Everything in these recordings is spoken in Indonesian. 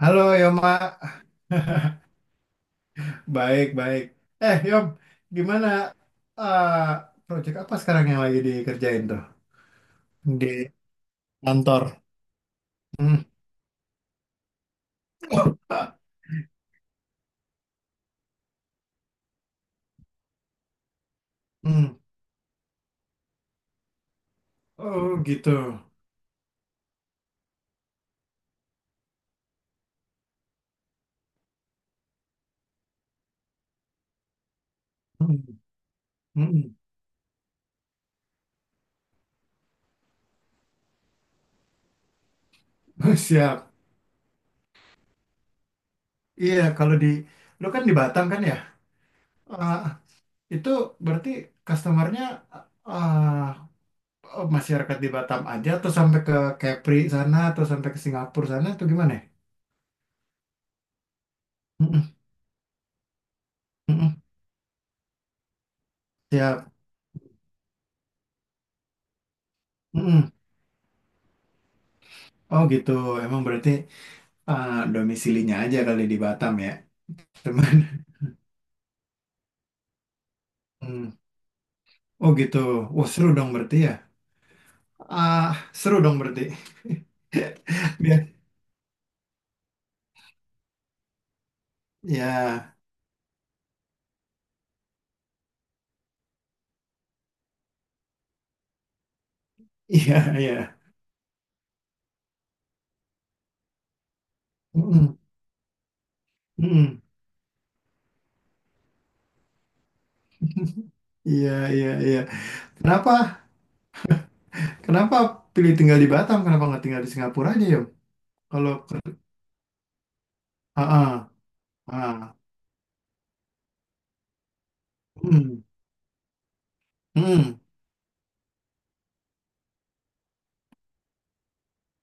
Halo Yoma, baik-baik. Eh Yom, gimana eh proyek apa sekarang yang lagi dikerjain tuh di kantor? Hmm. Hmm. Oh gitu. Hmm. Hmm. Siap. Iya kalau di, lo kan di Batam kan ya? Ah, itu berarti customernya ah, masyarakat di Batam aja atau sampai ke Kepri sana atau sampai ke Singapura sana atau gimana, ya? Hmm. Hmm. Hmm, hmm. Siap. Mm-mm. Oh gitu, emang berarti domisilinya aja kali di Batam ya, teman. Hmm. Oh gitu, wah seru dong berarti ya. Ah Seru dong berarti. Biar, ya, iya, iya. Mm-mm, mm-mm. Iya, iya, iya. Kenapa, kenapa pilih tinggal di Batam? Kenapa nggak tinggal di Singapura aja yuk? Kalau, ke- ah, ah, ah. Mm, mm,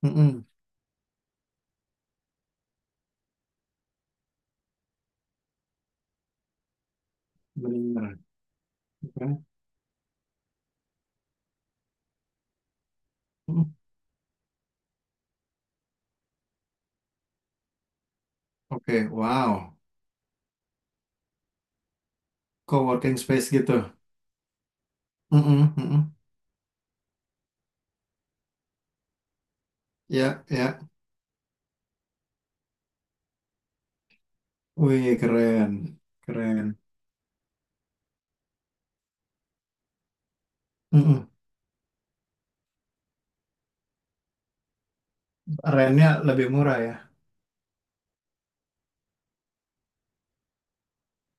mm-mm. Benar. Oke, mm. Oke, wow, co-working space gitu. Mm-mm, mm-mm. Ya, ya. Wih, keren. Keren. Mm-mm. Rentnya lebih murah ya.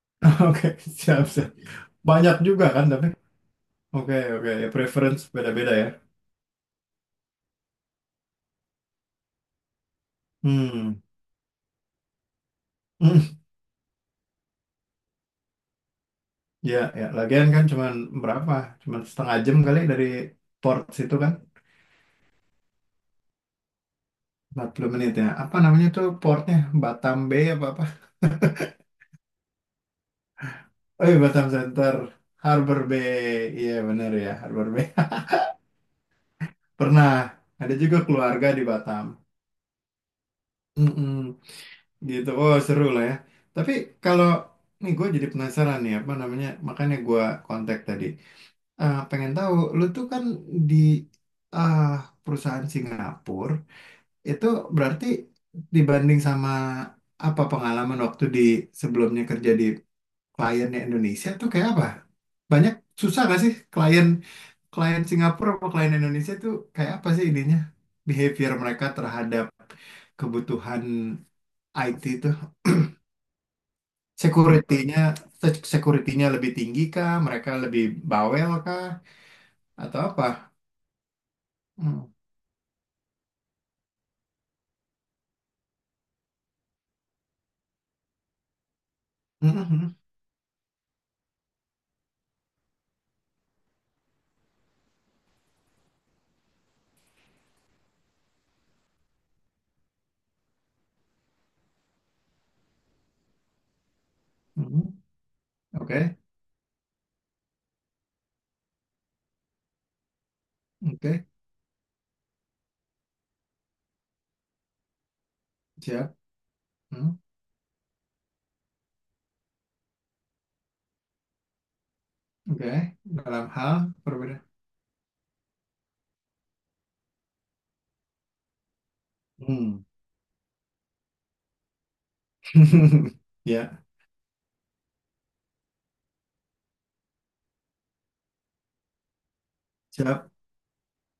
Oke, siap, siap. Banyak juga kan tapi. Oke, oke. Ya, preference beda-beda ya. Hmm. Mm. Ya, ya. Lagian kan cuman berapa? Cuman setengah jam kali dari port situ kan. 40 menit ya. Apa namanya tuh portnya? Batam Bay apa-apa? Oh iya, Batam Center. Harbor Bay. Iya, bener ya. Harbor Bay. Pernah. Ada juga keluarga di Batam. Mm-mm. Gitu, oh seru lah ya. Tapi kalau nih gue jadi penasaran nih apa namanya, makanya gue kontak tadi. Pengen tahu, lu tuh kan di ah, perusahaan Singapura itu berarti dibanding sama apa pengalaman waktu di sebelumnya kerja di kliennya Indonesia tuh kayak apa? Banyak susah gak sih klien klien Singapura sama klien Indonesia tuh kayak apa sih ininya? Behavior mereka terhadap kebutuhan IT itu? Security-nya security-nya lebih tinggi kah? Mereka lebih bawel kah? Atau apa? Hmm. Hmm, hmm, hmm. Hmm, oke, oke, siap. Hmm, oke, dalam hal perbedaan. Hmm. Ya, siap,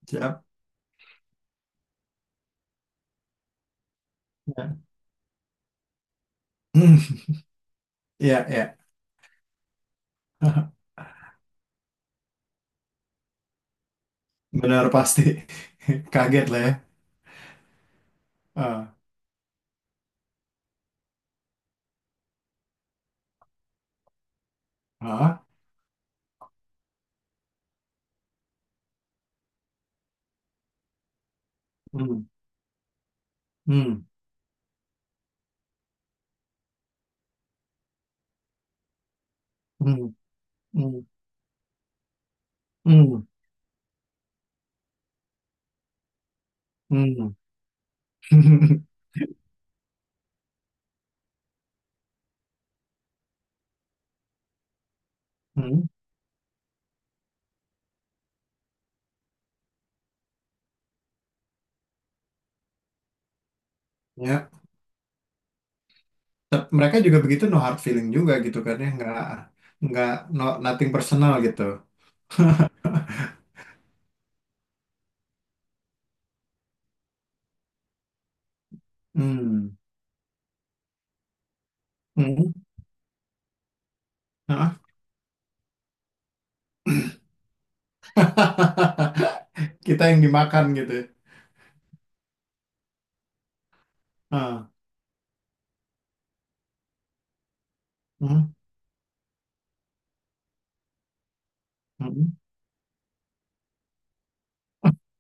siap. Ya, hmm, ya, ya. Benar pasti. Kaget lah ya. Ah, ah. Hmm, hmm, hmm, hmm, hmm, hmm. Hmm, ya. Mereka juga begitu no hard feeling juga gitu kan ya nggak no nothing personal gitu hmm. Hmm. Hah? Kita yang dimakan gitu ya. Ah. Hmm. Hmm.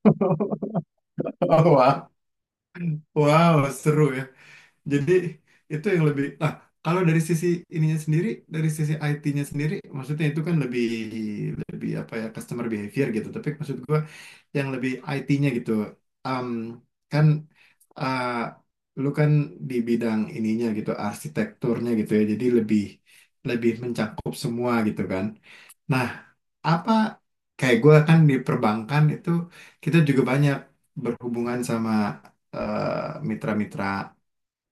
Wah, wow, seru ya. Jadi itu yang lebih. Nah, kalau dari sisi ininya sendiri, dari sisi IT-nya sendiri, maksudnya itu kan lebih lebih apa ya customer behavior gitu. Tapi maksud gua yang lebih IT-nya gitu. Em, Kan eh, lu kan di bidang ininya gitu, arsitekturnya gitu ya. Jadi lebih lebih mencakup semua gitu kan. Nah, apa kayak gue kan di perbankan itu kita juga banyak berhubungan sama eh, mitra-mitra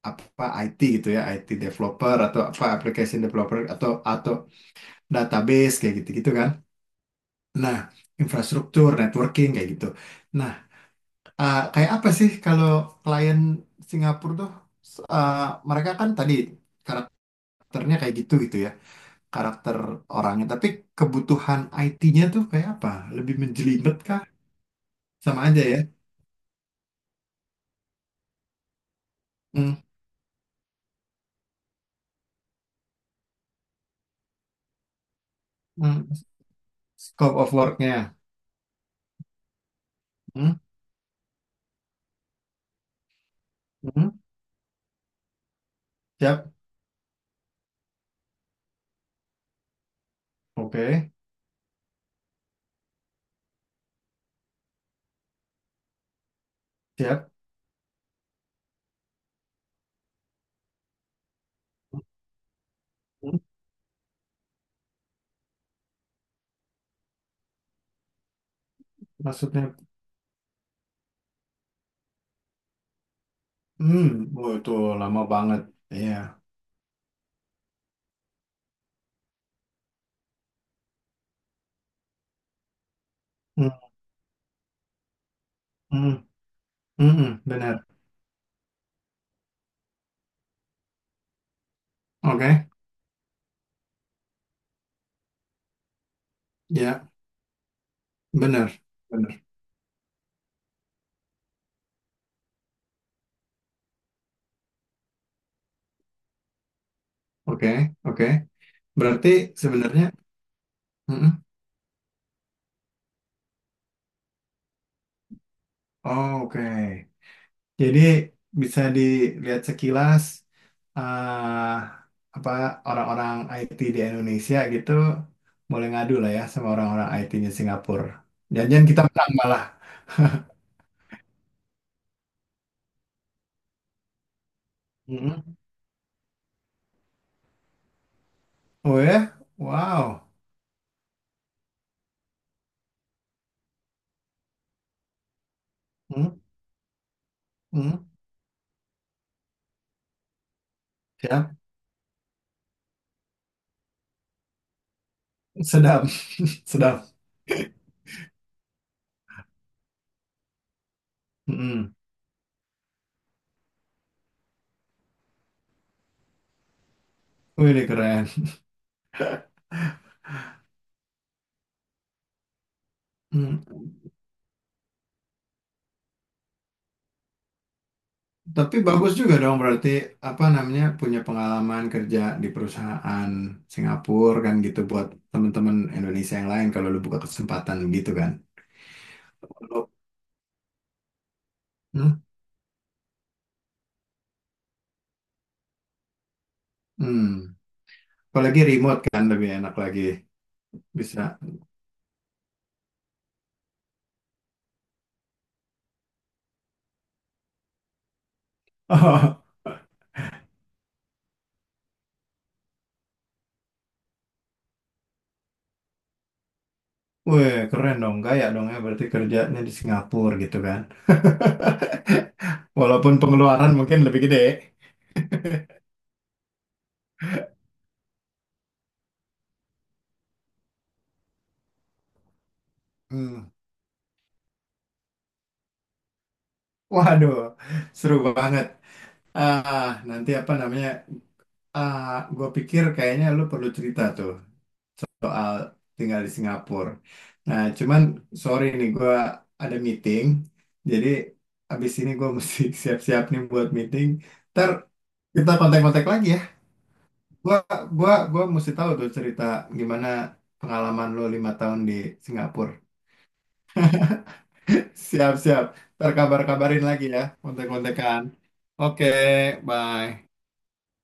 apa IT gitu ya, IT developer atau apa application developer atau database kayak gitu-gitu kan. Nah, infrastruktur, networking kayak gitu. Nah, kayak apa sih kalau klien Singapura tuh s- uh, mereka kan tadi karakternya kayak gitu gitu ya karakter orangnya tapi kebutuhan IT-nya tuh kayak apa lebih menjelibet kah sama aja ya hmm. Hmm. Scope of work-nya hmm. Hmm. Siap oke siap. Hmm. Maksudnya hmm oh, itu lama banget iya hmm. Hmm. Hmm. Hmm. Benar oke ya benar benar oke oke berarti sebenarnya hmm, hmm. Oh, oke, jadi bisa dilihat sekilas eh, apa orang-orang IT di Indonesia gitu boleh ngadu lah ya sama orang-orang IT-nya Singapura. Jangan kita menang malah. Mm-mm. Oh ya, wow, mm-mm. Siap. Sedap, sedap. Mm-mm. Wih, ini keren. Mm. Tapi bagus juga dong berarti apa namanya punya pengalaman kerja di perusahaan Singapura kan gitu buat teman-teman Indonesia yang lain kalau lu buka kesempatan gitu kan. Kalau hmm, hmm. Apalagi remote kan lebih enak lagi bisa. Weh, keren dong, kaya dong ya berarti kerjanya di Singapura gitu kan. Walaupun pengeluaran mungkin lebih gede. Hmm. Waduh, seru banget. Nanti apa namanya? Ah, gue pikir kayaknya lu perlu cerita tuh soal tinggal di Singapura. Nah, cuman sorry nih gue ada meeting, jadi abis ini gue mesti siap-siap nih buat meeting. Ntar kita kontak-kontak lagi ya. Gua, gua mesti tahu tuh cerita gimana pengalaman lo 5 tahun di Singapura. Siap-siap. Ntar kabar-kabarin lagi ya, kontak-kontakan. Oke, bye.